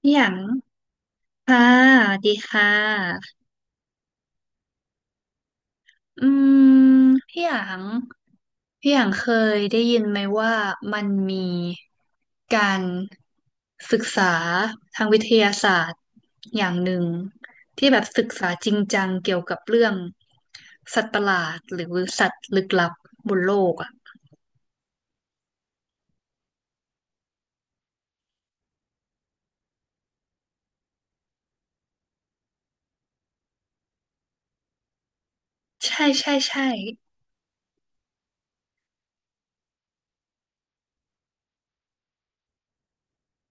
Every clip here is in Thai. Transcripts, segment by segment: พี่หยางค่ะดีค่ะอืมพี่หยางพี่หยางเคยได้ยินไหมว่ามันมีการศึกษาทางวิทยาศาสตร์อย่างหนึ่งที่แบบศึกษาจริงจังเกี่ยวกับเรื่องสัตว์ประหลาดหรือสัตว์ลึกลับบนโลกอ่ะใช่ใช่ใช่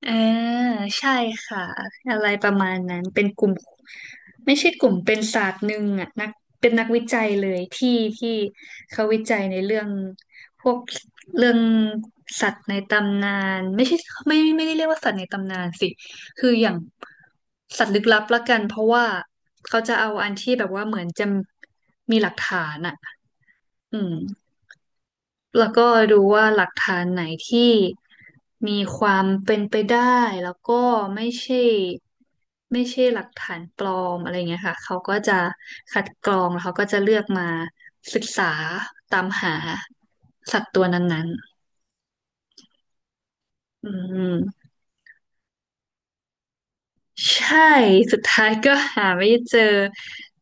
อ่าใช่ค่ะอะไรประมาณนั้นเป็นกลุ่มไม่ใช่กลุ่มเป็นศาสตร์หนึ่งอ่ะนักเป็นนักวิจัยเลยที่เขาวิจัยในเรื่องพวกเรื่องสัตว์ในตำนานไม่ใช่ไม่ได้เรียกว่าสัตว์ในตำนานสิคืออย่างสัตว์ลึกลับละกันเพราะว่าเขาจะเอาอันที่แบบว่าเหมือนจะมีหลักฐานอ่ะอืม แล้วก็ดูว่าหลักฐานไหนที่มีความเป็นไปได้แล้วก็ไม่ใช่หลักฐานปลอมอะไรเงี้ยค่ะเขาก็จะคัดกรองแล้วเขาก็จะเลือกมาศึกษาตามหาสัตว์ตัวนั้นๆอืมใช่สุดท้ายก็หาไม่เจอ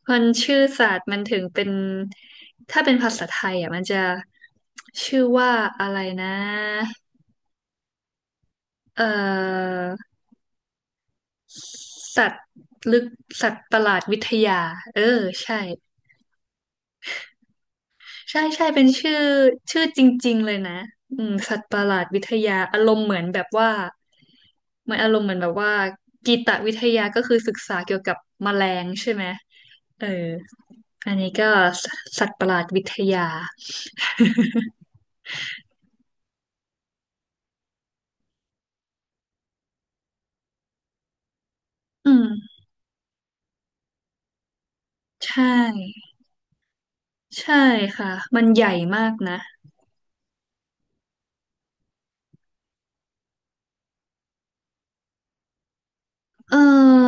มันชื่อศาสตร์มันถึงเป็นถ้าเป็นภาษาไทยอ่ะมันจะชื่อว่าอะไรนะเอ่อ สัตว์ลึกสัตว์ประหลาดวิทยาเออใช่ใช่ใช่เป็นชื่อชื่อจริงๆเลยนะอืมสัตว์ประหลาดวิทยาอารมณ์เหมือนแบบว่าเหมือนอารมณ์เหมือนแบบว่ากีตวิทยาก็คือศึกษาเกี่ยวกับแมลงใช่ไหมเอออันนี้ก็สสัตว์ประหลาดวิทยาอืมใช่ใช่ค่ะมันใหญ่มากนะ เออ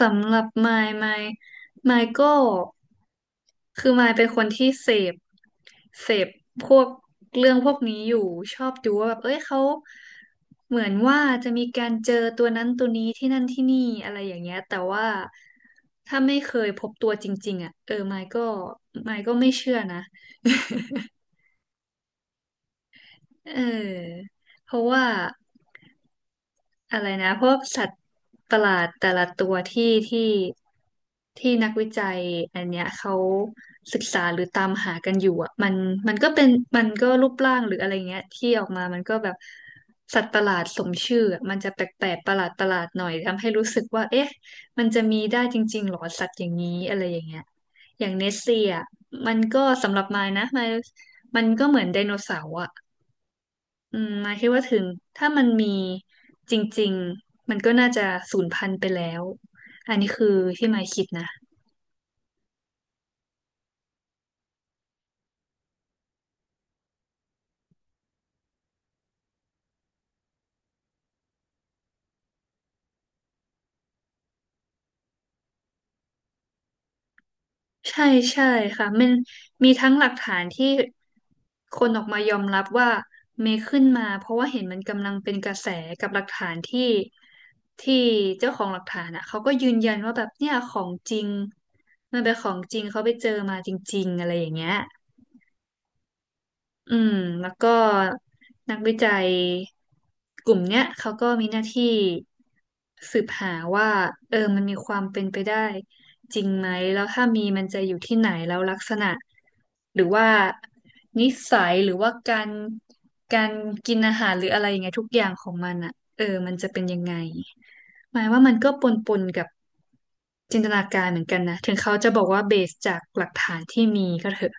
สำหรับมายมายมายก็คือมายเป็นคนที่เสพเสพพวกเรื่องพวกนี้อยู่ชอบดูว่าแบบเอ้ยเขาเหมือนว่าจะมีการเจอตัวนั้นตัวนี้ที่นั่นที่นี่อะไรอย่างเงี้ยแต่ว่าถ้าไม่เคยพบตัวจริงๆอ่ะเออมายก็ไม่เชื่อนะเออเพราะว่า อะไรนะพวกสัตว์ประหลาดแต่ละตัวที่ที่นักวิจัยอันเนี้ยเขาศึกษาหรือตามหากันอยู่อ่ะมันก็เป็นมันก็รูปร่างหรืออะไรเงี้ยที่ออกมามันก็แบบสัตว์ประหลาดสมชื่ออะมันจะแปลกๆประหลาดประหลาดหน่อยทำให้รู้สึกว่าเอ๊ะมันจะมีได้จริงๆหรอสัตว์อย่างนี้อะไรอย่างเงี้ยอย่างเนสเซียมันก็สำหรับมายนะมายมันก็เหมือนไดโนเสาร์อ่ะ อืมมายคิดว่าถึงถ้ามันมีจริงๆมันก็น่าจะสูญพันธุ์ไปแล้วอันนี้คือที่มายคิดนะใช่ใช่ค่ะมันมีทั้งหลักฐานที่คนออกมายอมรับว่าเมย์ขึ้นมาเพราะว่าเห็นมันกำลังเป็นกระแสกับหลักฐานที่เจ้าของหลักฐานอ่ะเขาก็ยืนยันว่าแบบเนี่ยของจริงมันเป็นของจริงเขาไปเจอมาจริงๆอะไรอย่างเงี้ย อืมแล้วก็นักวิจัยกลุ่มเนี้ยเขาก็มีหน้าที่สืบหาว่าเออมันมีความเป็นไปได้จริงไหมแล้วถ้ามีมันจะอยู่ที่ไหนแล้วลักษณะหรือว่านิสัยหรือว่าการกินอาหารหรืออะไรอย่างเงี้ยทุกอย่างของมันอ่ะเออมันจะเป็นยังไงหมายว่ามันก็ปนกับจินตนาการเหมือนกันนะถึงเขาจะบอกว่าเบสจากหลักฐานที่มีก็เถอะ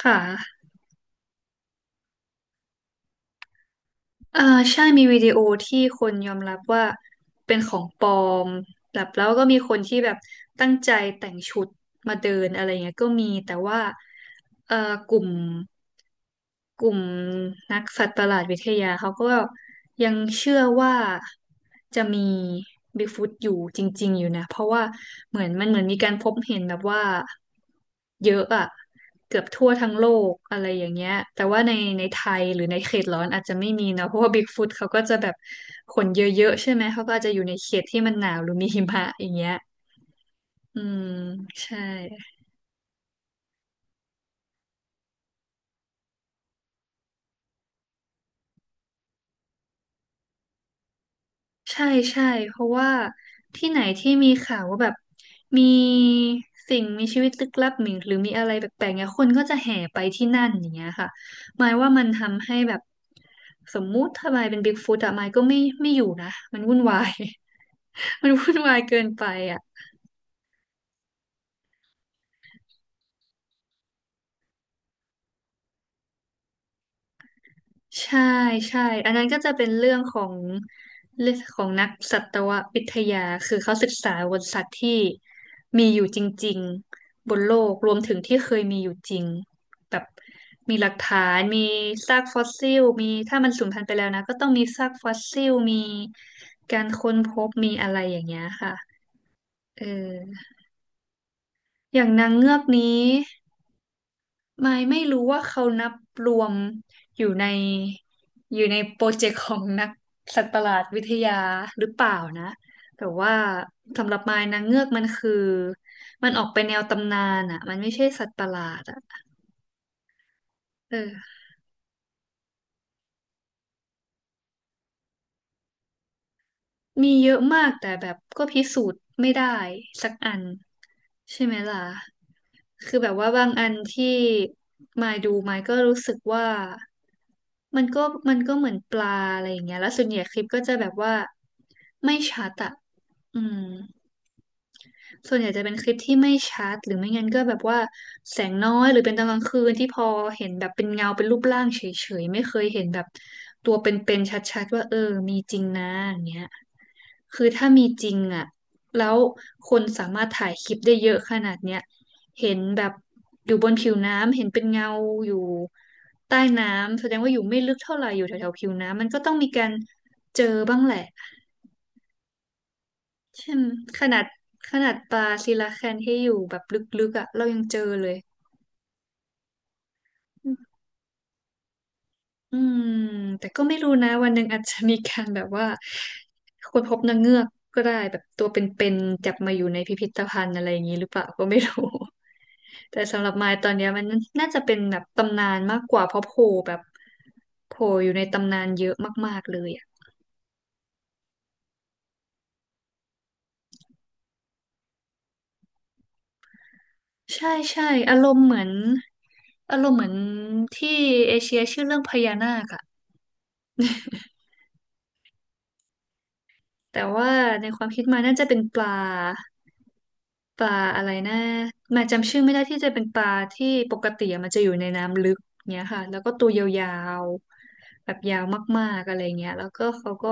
ค่ะ เอ่าใช่มีวิดีโอที่คนยอมรับว่าเป็นของปลอมแบบแล้วก็มีคนที่แบบตั้งใจแต่งชุดมาเดินอะไรเงี้ยก็มีแต่ว่ากลุ่ม กลุ่มนักสัตว์ประหลาดวิทยาเขาก็ยังเชื่อว่าจะมีบิ๊กฟุตอยู่จริงๆอยู่นะเพราะว่าเหมือนมีการพบเห็นแบบว่าเยอะอะเกือบทั่วทั้งโลกอะไรอย่างเงี้ยแต่ว่าในไทยหรือในเขตร้อนอาจจะไม่มีเนอะเพราะว่าบิ๊กฟุตเขาก็จะแบบขนเยอะๆใช่ไหมเขาก็อาจจะอยู่ในเขตที่มันหนาวหรือมีหิมะอย่างเงี้ยอืมใช่ ใช่ใช่เพราะว่าที่ไหนที่มีข่าวว่าแบบมีสิ่งมีชีวิตลึกลับหรือมีอะไรแปลกๆเนี่ยคนก็จะแห่ไปที่นั่นอย่างเงี้ยค่ะหมายว่ามันทำให้แบบสมมุติถ้ามายเป็นบิ๊กฟุตอะมายก็ไม่อยู่นะมันวุ่นวาย มันวุ่นวายเกินไปอะ ใช่ใช่อันนั้นก็จะเป็นเรื่องของเรื่องของนักสัตววิทยาคือเขาศึกษาบนสัตว์ที่มีอยู่จริงๆบนโลกรวมถึงที่เคยมีอยู่จริงแบบมีหลักฐานมีซากฟอสซิลมีถ้ามันสูญพันธุ์ไปแล้วนะก็ต้องมีซากฟอสซิลมีการค้นพบมีอะไรอย่างเงี้ยค่ะเอออย่างนางเงือกนี้ ไม่รู้ว่าเขานับรวมอยู่ในอยู่ในโปรเจกต์ของนักสัตว์ประหลาดวิทยาหรือเปล่านะแต่ว่าสำหรับมายนางเงือกมันออกไปแนวตำนานอ่ะมันไม่ใช่สัตว์ประหลาดอ่ะเออมีเยอะมากแต่แบบก็พิสูจน์ไม่ได้สักอันใช่ไหมล่ะ คือแบบว่าบางอันที่มายดูมายก็รู้สึกว่ามันก็มันก็เหมือนปลาอะไรอย่างเงี้ยแล้วส่วนใหญ่คลิปก็จะแบบว่าไม่ชัดอะอืมส่วนใหญ่จะเป็นคลิปที่ไม่ชัดหรือไม่งั้นก็แบบว่าแสงน้อยหรือเป็นตอนกลางคืนที่พอเห็นแบบเป็นเงาเป็นรูปร่างเฉยๆไม่เคยเห็นแบบตัวเป็นๆชัดๆว่าเออมีจริงนะอย่างเงี้ย คือถ้ามีจริงอ่ะแล้วคนสามารถถ่ายคลิปได้เยอะขนาดเนี้ยเห็นแบบอยู่บนผิวน้ำเห็นเป็นเงาอยู่ใต้น้ำแสดงว่าอยู่ไม่ลึกเท่าไหร่อยู่แถวๆผิวน้ำมันก็ต้องมีการเจอบ้างแหละเช่นขนาดขนาดปลาซิลาแคนที่อยู่แบบลึกๆอ่ะเรายังเจอเลยอืมแต่ก็ไม่รู้นะวันหนึ่งอาจจะมีการแบบว่าคนพบนางเงือกก็ได้แบบตัวเป็นๆจับมาอยู่ในพิพิธภัณฑ์อะไรอย่างนี้หรือเปล่าก็ไม่รู้ แต่สำหรับมายตอนเนี้ยมันน่าจะเป็นแบบตำนานมากกว่าเพราะโผล่อยู่ในตำนานเยอะมากๆเลยอ่ะใช่ใช่อารมณ์เหมือนอารมณ์เหมือนที่เอเชียชื่อเรื่องพญานาคอะแต่ว่าในความคิดมายน่าจะเป็นปลาอะไรนะมายจำชื่อไม่ได้ที่จะเป็นปลาที่ปกติอะมันจะอยู่ในน้ำลึกเนี้ยค่ะแล้วก็ตัวยาวๆแบบยาวมากๆอะไรเงี้ยแล้วก็เขาก็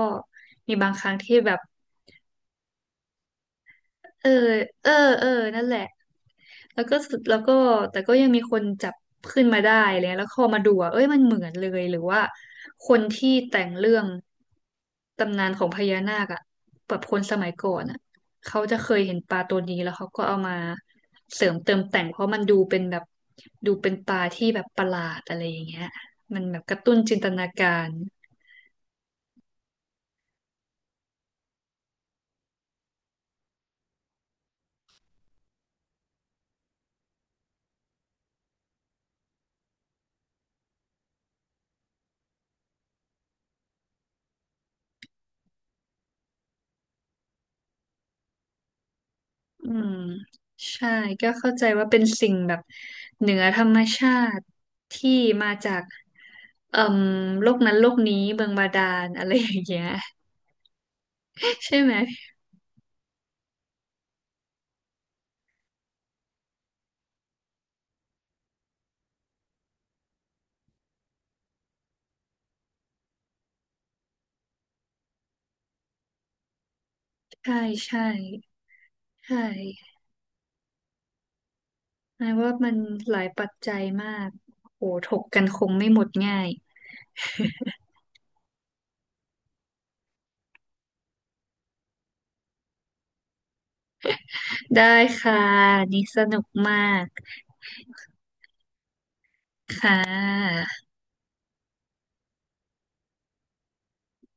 มีบางครั้งที่แบบ เออเออเออนั่นแหละแล้วก็สุดแล้วก็แต่ก็ยังมีคนจับขึ้นมาได้เลยแล้วพอมาดูอ่ะเอ้ยมันเหมือนเลย หรือว่าคนที่แต่งเรื่องตำนานของพญานาคอ่ะแบบคนสมัยก่อนอ่ะเขาจะเคยเห็นปลาตัวนี้แล้วเขาก็เอามาเสริมเติมแต่งเพราะมันดูเป็นแบบดูเป็นปลาที่แบบประหลาดอะไรอย่างเงี้ยมันแบบกระตุ้นจินตนาการ อืมใช่ก็เข้าใจว่าเป็นสิ่งแบบเหนือธรรมชาติที่มาจากเอ่อโลกนั้นโลกนี้เมืองบาดาลอะไรอย่างเงี้ยใช่ไหมใช่ใช่ใช่หมายว่ามันหลายปัจจัยมากโหถกกันคงไม่หมดง่ายได้ค่ะนี่สนุกมากค่ะ